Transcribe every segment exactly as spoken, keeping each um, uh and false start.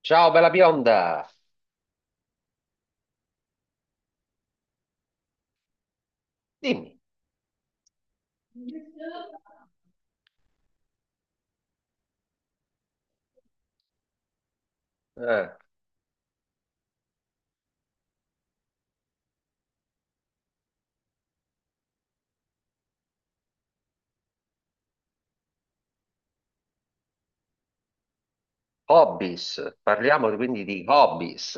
Ciao bella bionda, dimmi, eh, hobbies, parliamo quindi di hobbies.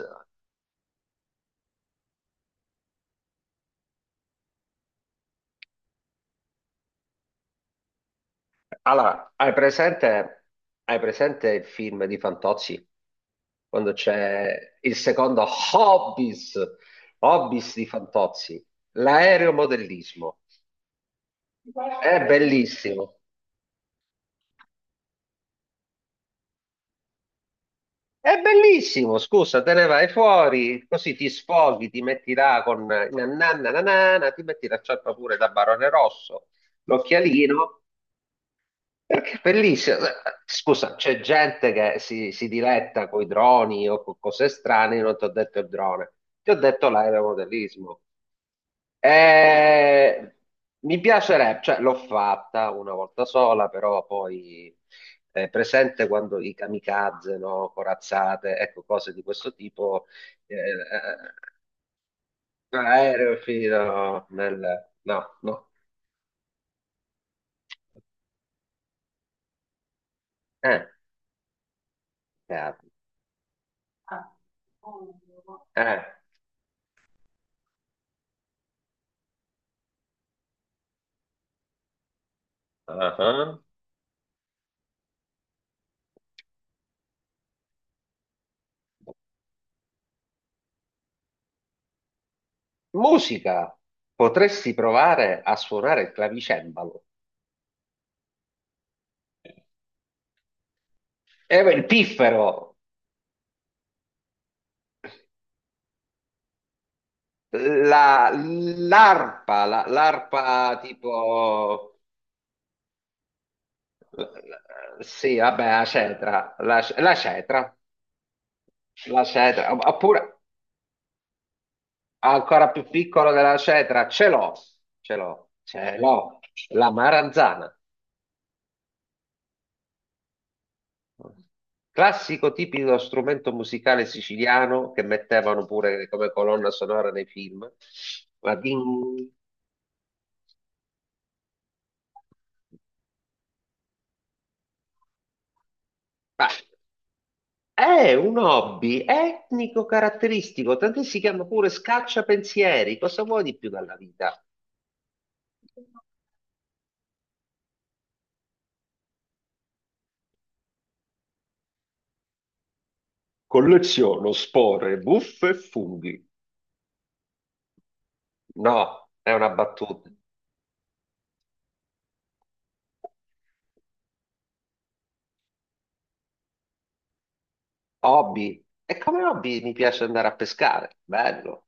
Allora, hai presente, hai presente il film di Fantozzi? Quando c'è il secondo Hobbies, Hobbies di Fantozzi, l'aeromodellismo. È bellissimo, è bellissimo, scusa, te ne vai fuori, così ti sfoghi, ti metti là con na na na na na, na, ti metti la ciarpa pure da Barone Rosso, l'occhialino. Perché è bellissimo. Scusa, c'è gente che si, si diletta con i droni o con cose strane. Io non ti ho detto il drone, ti ho detto l'aeromodellismo. E mi piacerebbe, cioè l'ho fatta una volta sola, però poi è presente quando i kamikaze, no? Corazzate, ecco, cose di questo tipo. eh, eh, aereo fino nel... No, no. Eh, cavolo. Eh. Ah, ah. Musica, potresti provare a suonare il clavicembalo. Eh, beh, il piffero, la- l'arpa, la- l'arpa tipo, sì, vabbè, la cetra, la, la cetra, la cetra, oppure ancora più piccolo della cetra, ce l'ho, ce l'ho, ce l'ho, la maranzana. Classico tipico strumento musicale siciliano che mettevano pure come colonna sonora nei film. Ma, din- ma è un hobby etnico caratteristico, tant'è si chiama pure scacciapensieri. Cosa vuoi di più dalla vita? Colleziono spore, buffe e funghi. No, è una battuta. Hobby. E come hobby mi piace andare a pescare. Bello.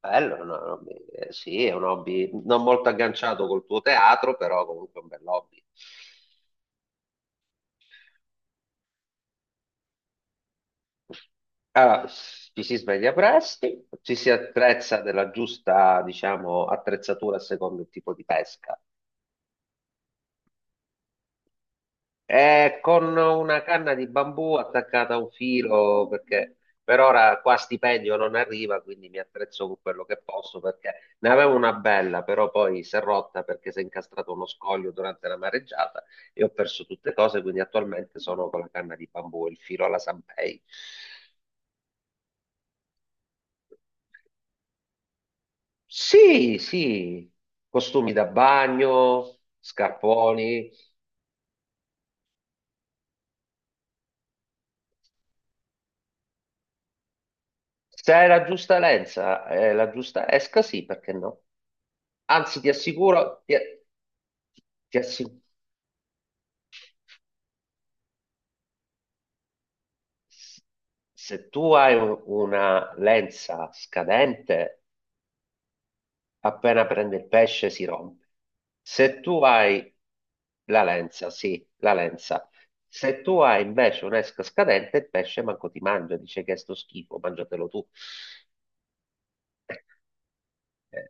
Bello, è un hobby. eh, Sì, è un hobby non molto agganciato col tuo teatro, però comunque è un bel hobby. Allora, ci si sveglia presto, ci si attrezza della giusta, diciamo, attrezzatura a secondo il tipo di pesca. Eh, con una canna di bambù attaccata a un filo, perché per ora qua stipendio non arriva, quindi mi attrezzo con quello che posso, perché ne avevo una bella, però poi si è rotta perché si è incastrato uno scoglio durante la mareggiata e ho perso tutte cose, quindi attualmente sono con la canna di bambù e il filo alla Sanpei. Sì, sì, costumi da bagno, scarponi. Se è la giusta lenza, eh, la giusta esca, sì, perché no? Anzi, ti assicuro, ti, ti assi- se tu hai un- una lenza scadente, appena prende il pesce si rompe. Se tu hai la lenza, sì, la lenza. Se tu hai invece un'esca scadente, il pesce manco ti mangia, dice che è sto schifo, mangiatelo tu. Eh,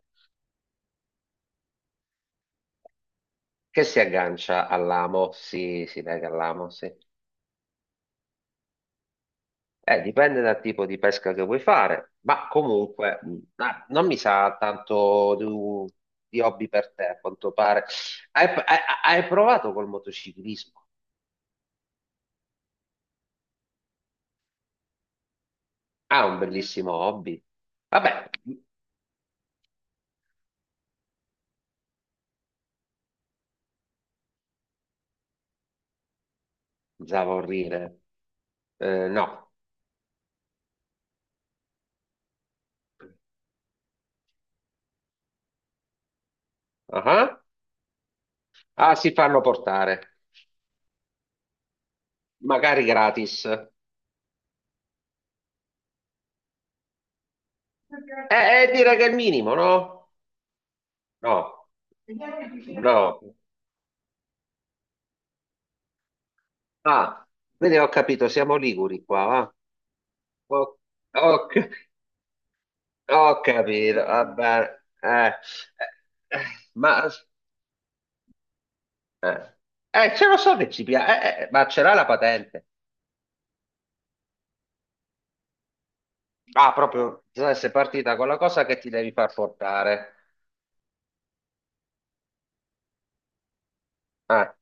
che si aggancia all'amo, sì, si lega all'amo, sì. Eh, dipende dal tipo di pesca che vuoi fare, ma comunque mh, ah, non mi sa tanto di, un- di hobby per te, a quanto pare. Hai, hai- hai provato col motociclismo? Ah, un bellissimo hobby. Vabbè, pensavo ridere. Eh, no. Ah, ah. Ah, si fanno portare, magari gratis. Eh, eh, direi che è il minimo, no? No. No. Ah, quindi ho capito, siamo liguri qua, va? Ok. Ho capito, va bene. Eh, eh, eh, ma eh, eh, ce lo so che ci piace, eh, eh, ma ce l'ha la patente. Ah, proprio, eh, sei partita con la cosa che ti devi far portare. Ah.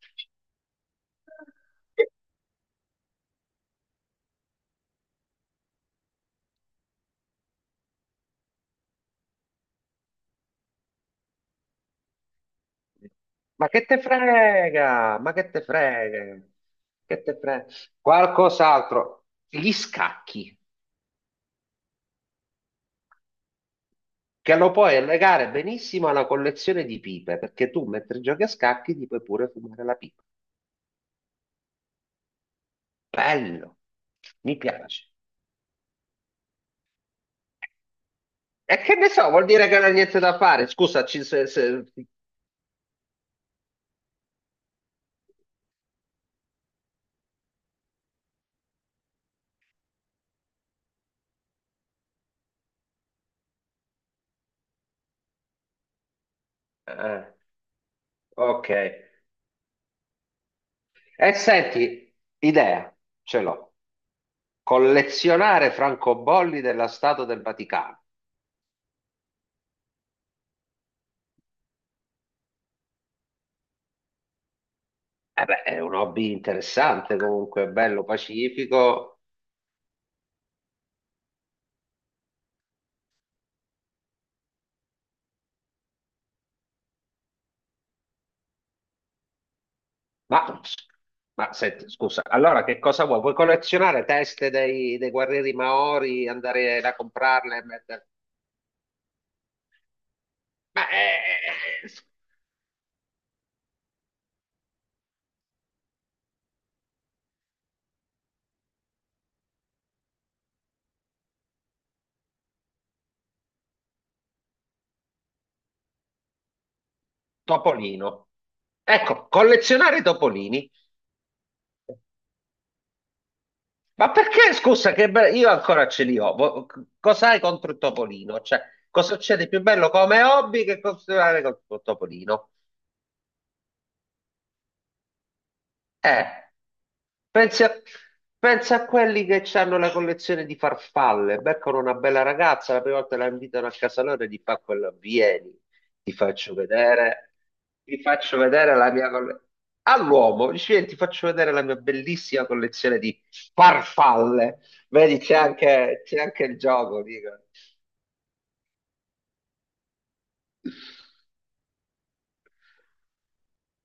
Ma che te frega? Ma che te frega? Che te frega? Qualcos'altro. Gli scacchi, che lo puoi legare benissimo alla collezione di pipe, perché tu mentre giochi a scacchi ti puoi pure fumare la pipa. Bello, mi piace. E che ne so, vuol dire che non ha niente da fare. Scusa, ci- se- se- eh, ok. E senti, idea, ce l'ho. Collezionare francobolli della Stato del Vaticano. Eh beh, è un hobby interessante comunque, bello, pacifico. Ma, ma senti, scusa, allora che cosa vuoi? Vuoi collezionare teste dei, dei guerrieri Maori, andare a comprarle e metterle? Ma eh, eh, eh, Topolino. Ecco, collezionare topolini. Ma perché, scusa, che be- io ancora ce li ho. Vo- c- Cos'hai contro il topolino? Cioè, cosa c'è di più bello come hobby che continuare con il topolino? Eh, pensi a, pensi a quelli che hanno la collezione di farfalle, beccano una bella ragazza, la prima volta la invitano a casa loro e gli fa quello, vieni, ti faccio vedere, ti faccio vedere la mia collezione. All'uomo, dice, "Vieni, ti faccio vedere la mia bellissima collezione di farfalle." Vedi, c'è anche, c'è anche il gioco, dicono.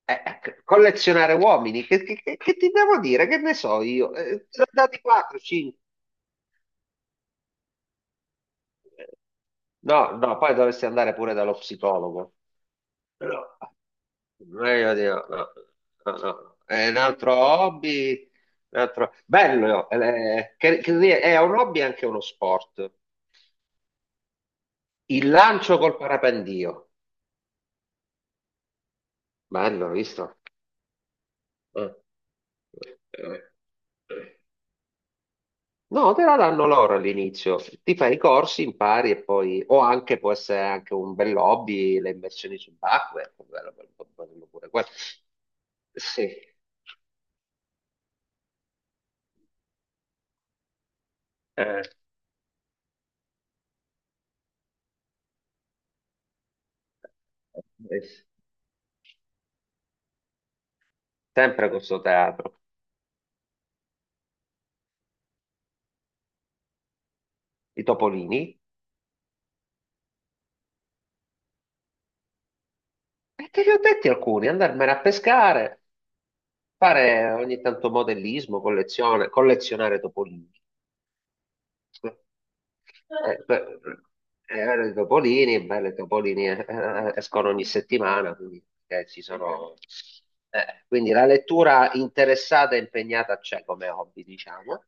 Eh, ecco, collezionare uomini, che, che- che- che ti devo dire? Che ne so io? Eh, dati quattro, no, no, poi dovresti andare pure dallo psicologo. Però, meglio di no, no, no, no. È un altro hobby, un altro- bello, no? Eh, che- che è un hobby e anche uno sport. Il lancio col parapendio, bello, hai visto? Eh. Eh. No, te la danno loro all'inizio. Ti fai i corsi, impari e poi, o anche può essere anche un bel hobby, le immersioni subacquee, bello, bello, bello pure quello. Sì, eh, eh, sempre questo teatro, i topolini. E te li ho detti alcuni, andarmene a pescare, fare ogni tanto modellismo, collezione, collezionare topolini. Eh, que- eh, erano i topolini, beh, i topolini eh, eh, escono ogni settimana, quindi, eh, ci sono... eh, quindi la lettura interessata e impegnata c'è come hobby, diciamo.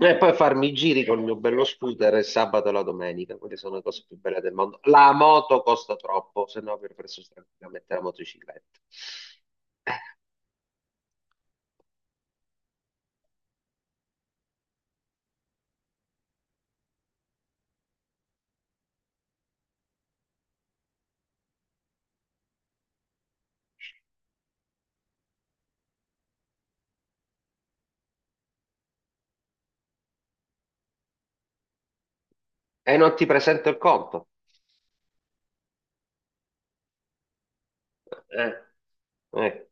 E poi farmi i giri con il mio bello scooter il sabato e la domenica, quelle sono le cose più belle del mondo. La moto costa troppo, se no avrei preso tranquillamente la motocicletta. E non ti presento il conto. Eh, eh,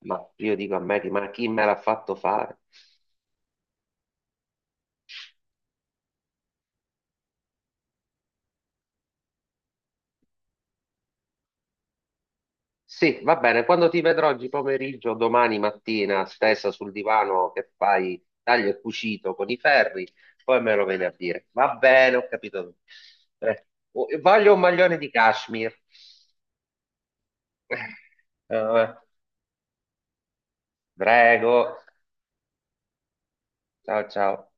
ma io dico a me, chi- ma chi me l'ha fatto fare? Sì, va bene, quando ti vedrò oggi pomeriggio, domani mattina, stessa sul divano che fai taglio e cucito con i ferri, poi me lo vieni a dire. Va bene, ho capito tutto. Eh, voglio un maglione di cashmere. Eh, vabbè. Prego, ciao ciao.